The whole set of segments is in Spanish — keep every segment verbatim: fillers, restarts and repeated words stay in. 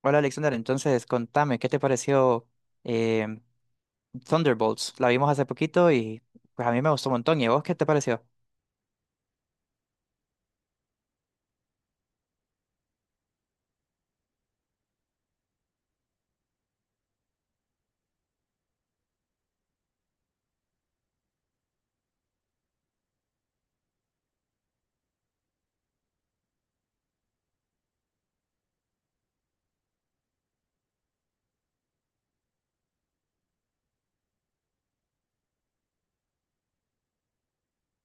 Hola Alexander, entonces contame, ¿qué te pareció em, Thunderbolts? La vimos hace poquito y pues a mí me gustó un montón. ¿Y a vos qué te pareció?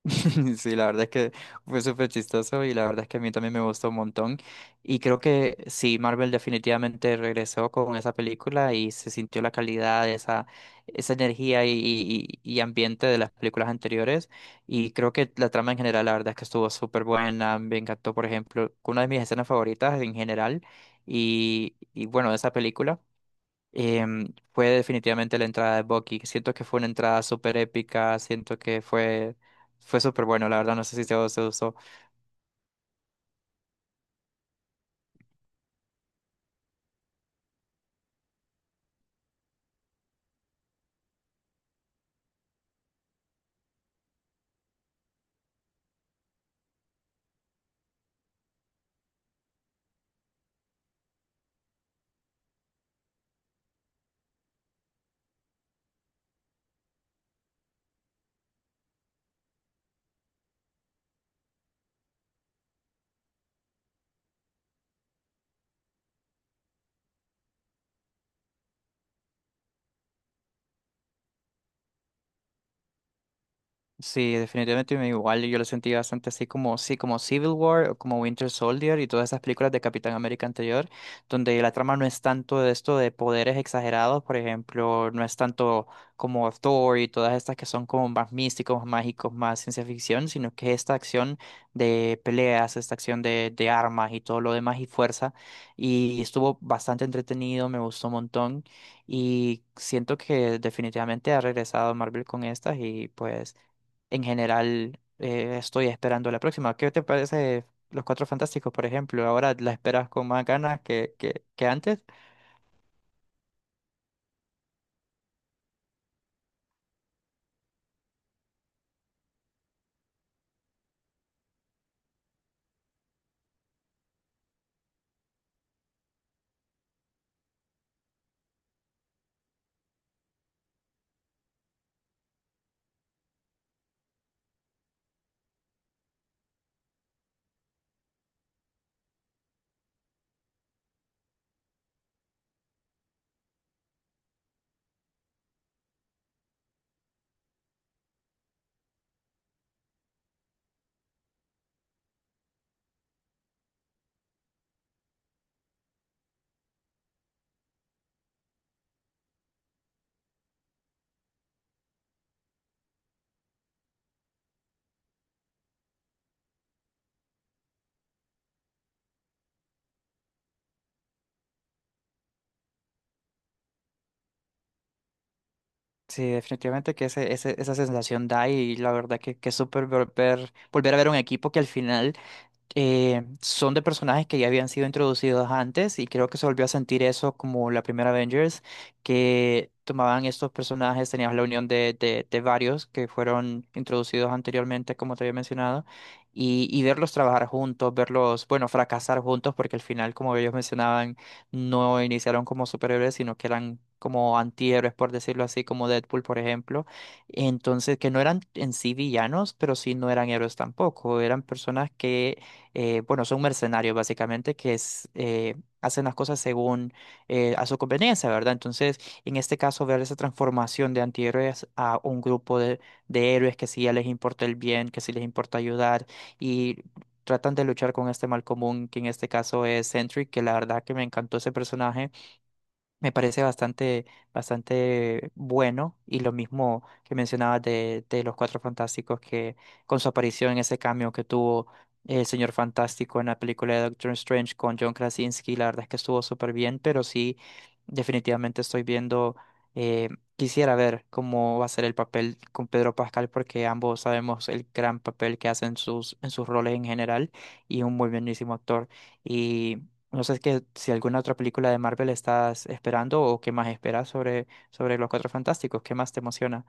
Sí, la verdad es que fue súper chistoso y la verdad es que a mí también me gustó un montón. Y creo que sí, Marvel definitivamente regresó con esa película y se sintió la calidad, esa, esa energía y, y- y ambiente de las películas anteriores. Y creo que la trama en general, la verdad es que estuvo súper buena. Me encantó, por ejemplo, una de mis escenas favoritas en general y, y bueno, de esa película em, fue definitivamente la entrada de Bucky. Siento que fue una entrada súper épica, siento que fue, fue súper bueno, la verdad, no sé si se, se usó. Sí, definitivamente me- igual yo lo sentí bastante así como, sí, como Civil War o como Winter Soldier y todas esas películas de Capitán América anterior, donde la trama no es tanto de esto de poderes exagerados, por ejemplo, no es tanto como Thor y todas estas que son como más místicos, más mágicos, más ciencia ficción, sino que esta acción de peleas, esta acción de, de armas y todo lo demás y fuerza, y estuvo bastante entretenido, me gustó un montón y siento que definitivamente ha regresado Marvel con estas y pues en general eh, estoy esperando la próxima. ¿Qué te parece Los Cuatro Fantásticos, por ejemplo? Ahora la esperas con más ganas que, que, que antes. Sí, definitivamente que ese, ese- esa sensación da y la verdad que, que es súper volver, volver a ver un equipo que al final eh, son de personajes que ya habían sido introducidos antes y creo que se volvió a sentir eso como la primera Avengers, que tomaban estos personajes, tenías la unión de, de, de varios que fueron introducidos anteriormente, como te había mencionado, y, y verlos trabajar juntos, verlos, bueno, fracasar juntos, porque al final, como ellos mencionaban, no iniciaron como superhéroes, sino que eran como antihéroes, por decirlo así, como Deadpool, por ejemplo. Entonces, que no eran en sí villanos, pero sí no eran héroes tampoco. Eran personas que eh, bueno, son mercenarios básicamente que es, eh, hacen las cosas según eh, a su conveniencia, ¿verdad? Entonces, en este caso, ver esa transformación de antihéroes a un grupo de, de héroes que sí ya les importa el bien, que sí les importa ayudar y tratan de luchar con este mal común, que en este caso es Sentry, que la verdad que me encantó ese personaje, me parece bastante, bastante bueno y lo mismo que mencionabas de, de los Cuatro Fantásticos que con su aparición en ese cambio que tuvo el Señor Fantástico en la película de Doctor Strange con John Krasinski, la verdad es que estuvo súper bien, pero sí, definitivamente estoy viendo, eh, quisiera ver cómo va a ser el papel con Pedro Pascal porque ambos sabemos el gran papel que hacen sus, en sus roles en general y un muy buenísimo actor. No sé que, si alguna otra película de Marvel estás esperando o qué más esperas sobre, sobre los Cuatro Fantásticos, qué más te emociona.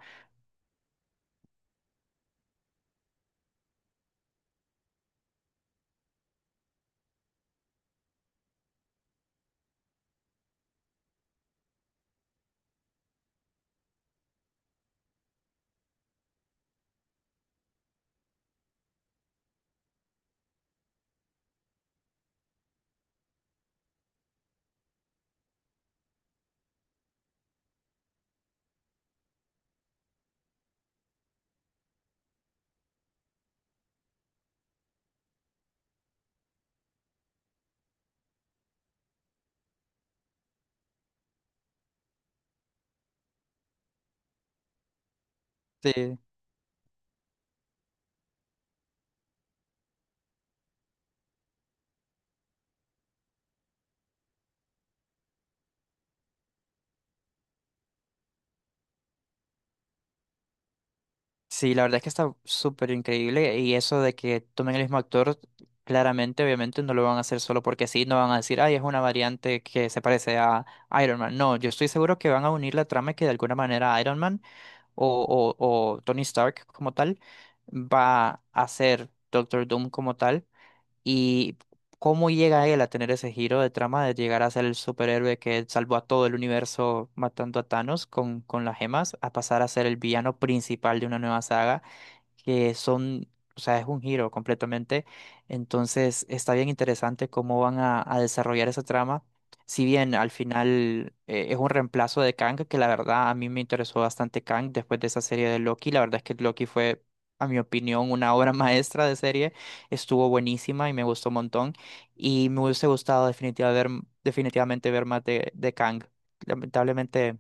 Sí, sí, la verdad es que está súper increíble y eso de que tomen el mismo actor, claramente, obviamente no lo van a hacer solo porque sí, no van a decir, ay, es una variante que se parece a Iron Man. No, yo estoy seguro que van a unir la trama y que de alguna manera Iron Man o, o o Tony Stark como tal va a ser Doctor Doom como tal. ¿Y cómo llega él a tener ese giro de trama de llegar a ser el superhéroe que salvó a todo el universo matando a Thanos con, con las gemas, a pasar a ser el villano principal de una nueva saga? Que son, o sea, es un giro completamente. Entonces, está bien interesante cómo van a, a desarrollar esa trama. Si bien al final eh, es un reemplazo de Kang, que la verdad a mí me interesó bastante Kang después de esa serie de Loki. La verdad es que Loki fue, a mi opinión, una obra maestra de serie. Estuvo buenísima y me gustó un montón. Y me hubiese gustado definitiva ver- definitivamente ver más de, de Kang. Lamentablemente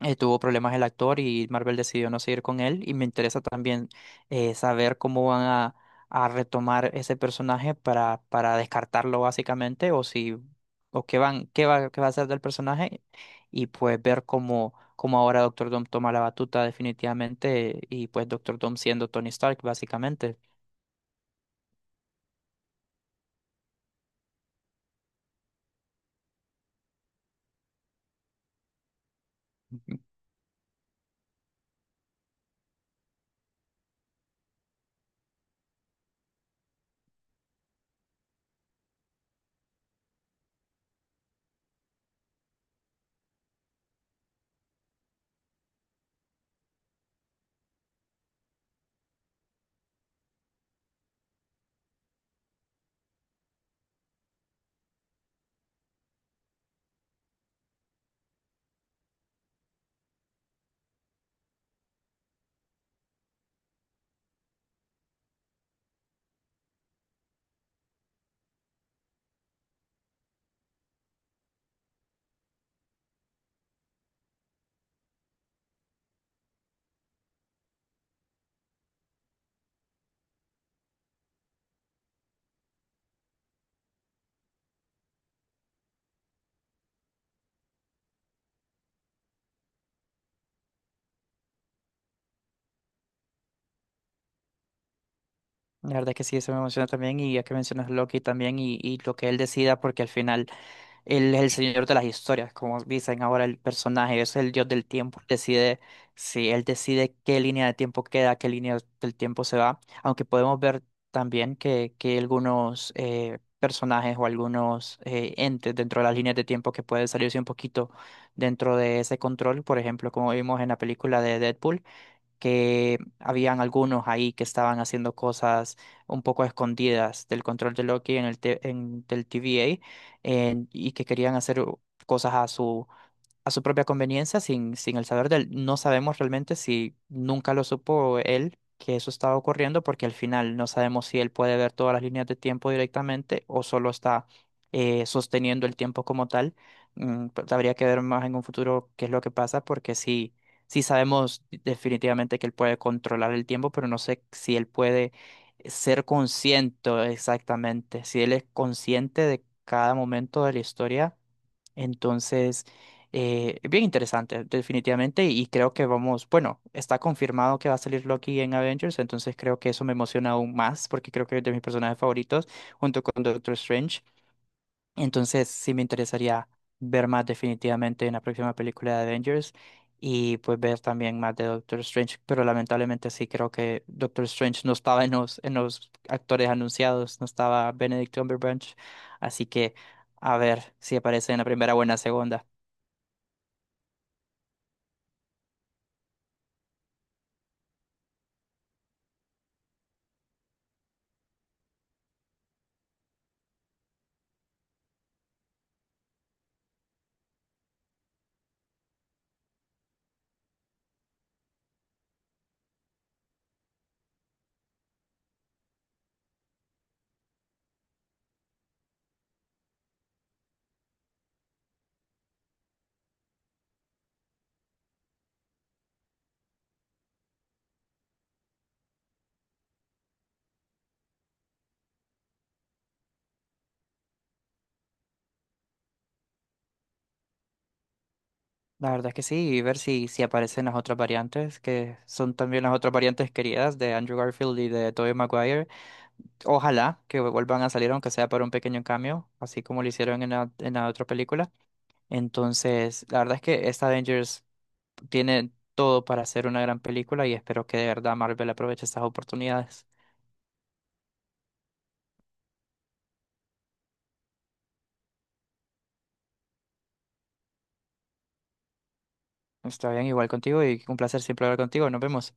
eh, tuvo problemas el actor y Marvel decidió no seguir con él. Y me interesa también eh, saber cómo van a, a retomar ese personaje para, para descartarlo básicamente o si o qué van, qué va, qué va a hacer del personaje y pues ver cómo, cómo ahora Doctor Doom toma la batuta definitivamente y pues Doctor Doom siendo Tony Stark básicamente. La verdad que sí, eso me emociona también y ya que mencionas Loki también y, y lo que él decida porque al final él es el señor de las historias, como dicen ahora el personaje, es el dios del tiempo. Decide Si él decide qué línea de tiempo queda, qué línea del tiempo se va. Aunque podemos ver también que, que algunos eh, personajes o algunos eh, entes dentro de las líneas de tiempo que pueden salirse un poquito dentro de ese control. Por ejemplo, como vimos en la película de Deadpool que habían algunos ahí que estaban haciendo cosas un poco escondidas del control de Loki en el te- en- del T V A en- y que querían hacer cosas a su a su propia conveniencia, sin, sin el saber de él. No sabemos realmente si nunca lo supo él que eso estaba ocurriendo, porque al final no sabemos si él puede ver todas las líneas de tiempo directamente o solo está eh, sosteniendo el tiempo como tal. Mm, pues habría que ver más en un futuro qué es lo que pasa, porque sí, sí sabemos definitivamente que él puede controlar el tiempo, pero no sé si él puede ser consciente exactamente, si él es consciente de cada momento de la historia. Entonces, eh, bien interesante, definitivamente, y creo que vamos, bueno, está confirmado que va a salir Loki en Avengers, entonces creo que eso me emociona aún más, porque creo que es de mis personajes favoritos, junto con Doctor Strange. Entonces sí me interesaría ver más definitivamente en la próxima película de Avengers y pues ver también más de Doctor Strange, pero lamentablemente sí creo que Doctor Strange no estaba en los, en los actores anunciados, no estaba Benedict Cumberbatch, así que a ver si aparece en la primera o en la segunda. La verdad es que sí, y ver si, si aparecen las otras variantes, que son también las otras variantes queridas de Andrew Garfield y de Tobey Maguire. Ojalá que vuelvan a salir, aunque sea para un pequeño cambio, así como lo hicieron en la, en la otra película. Entonces, la verdad es que esta Avengers tiene todo para hacer una gran película y espero que de verdad Marvel aproveche estas oportunidades. Está bien, igual contigo y un placer siempre hablar contigo. Nos vemos.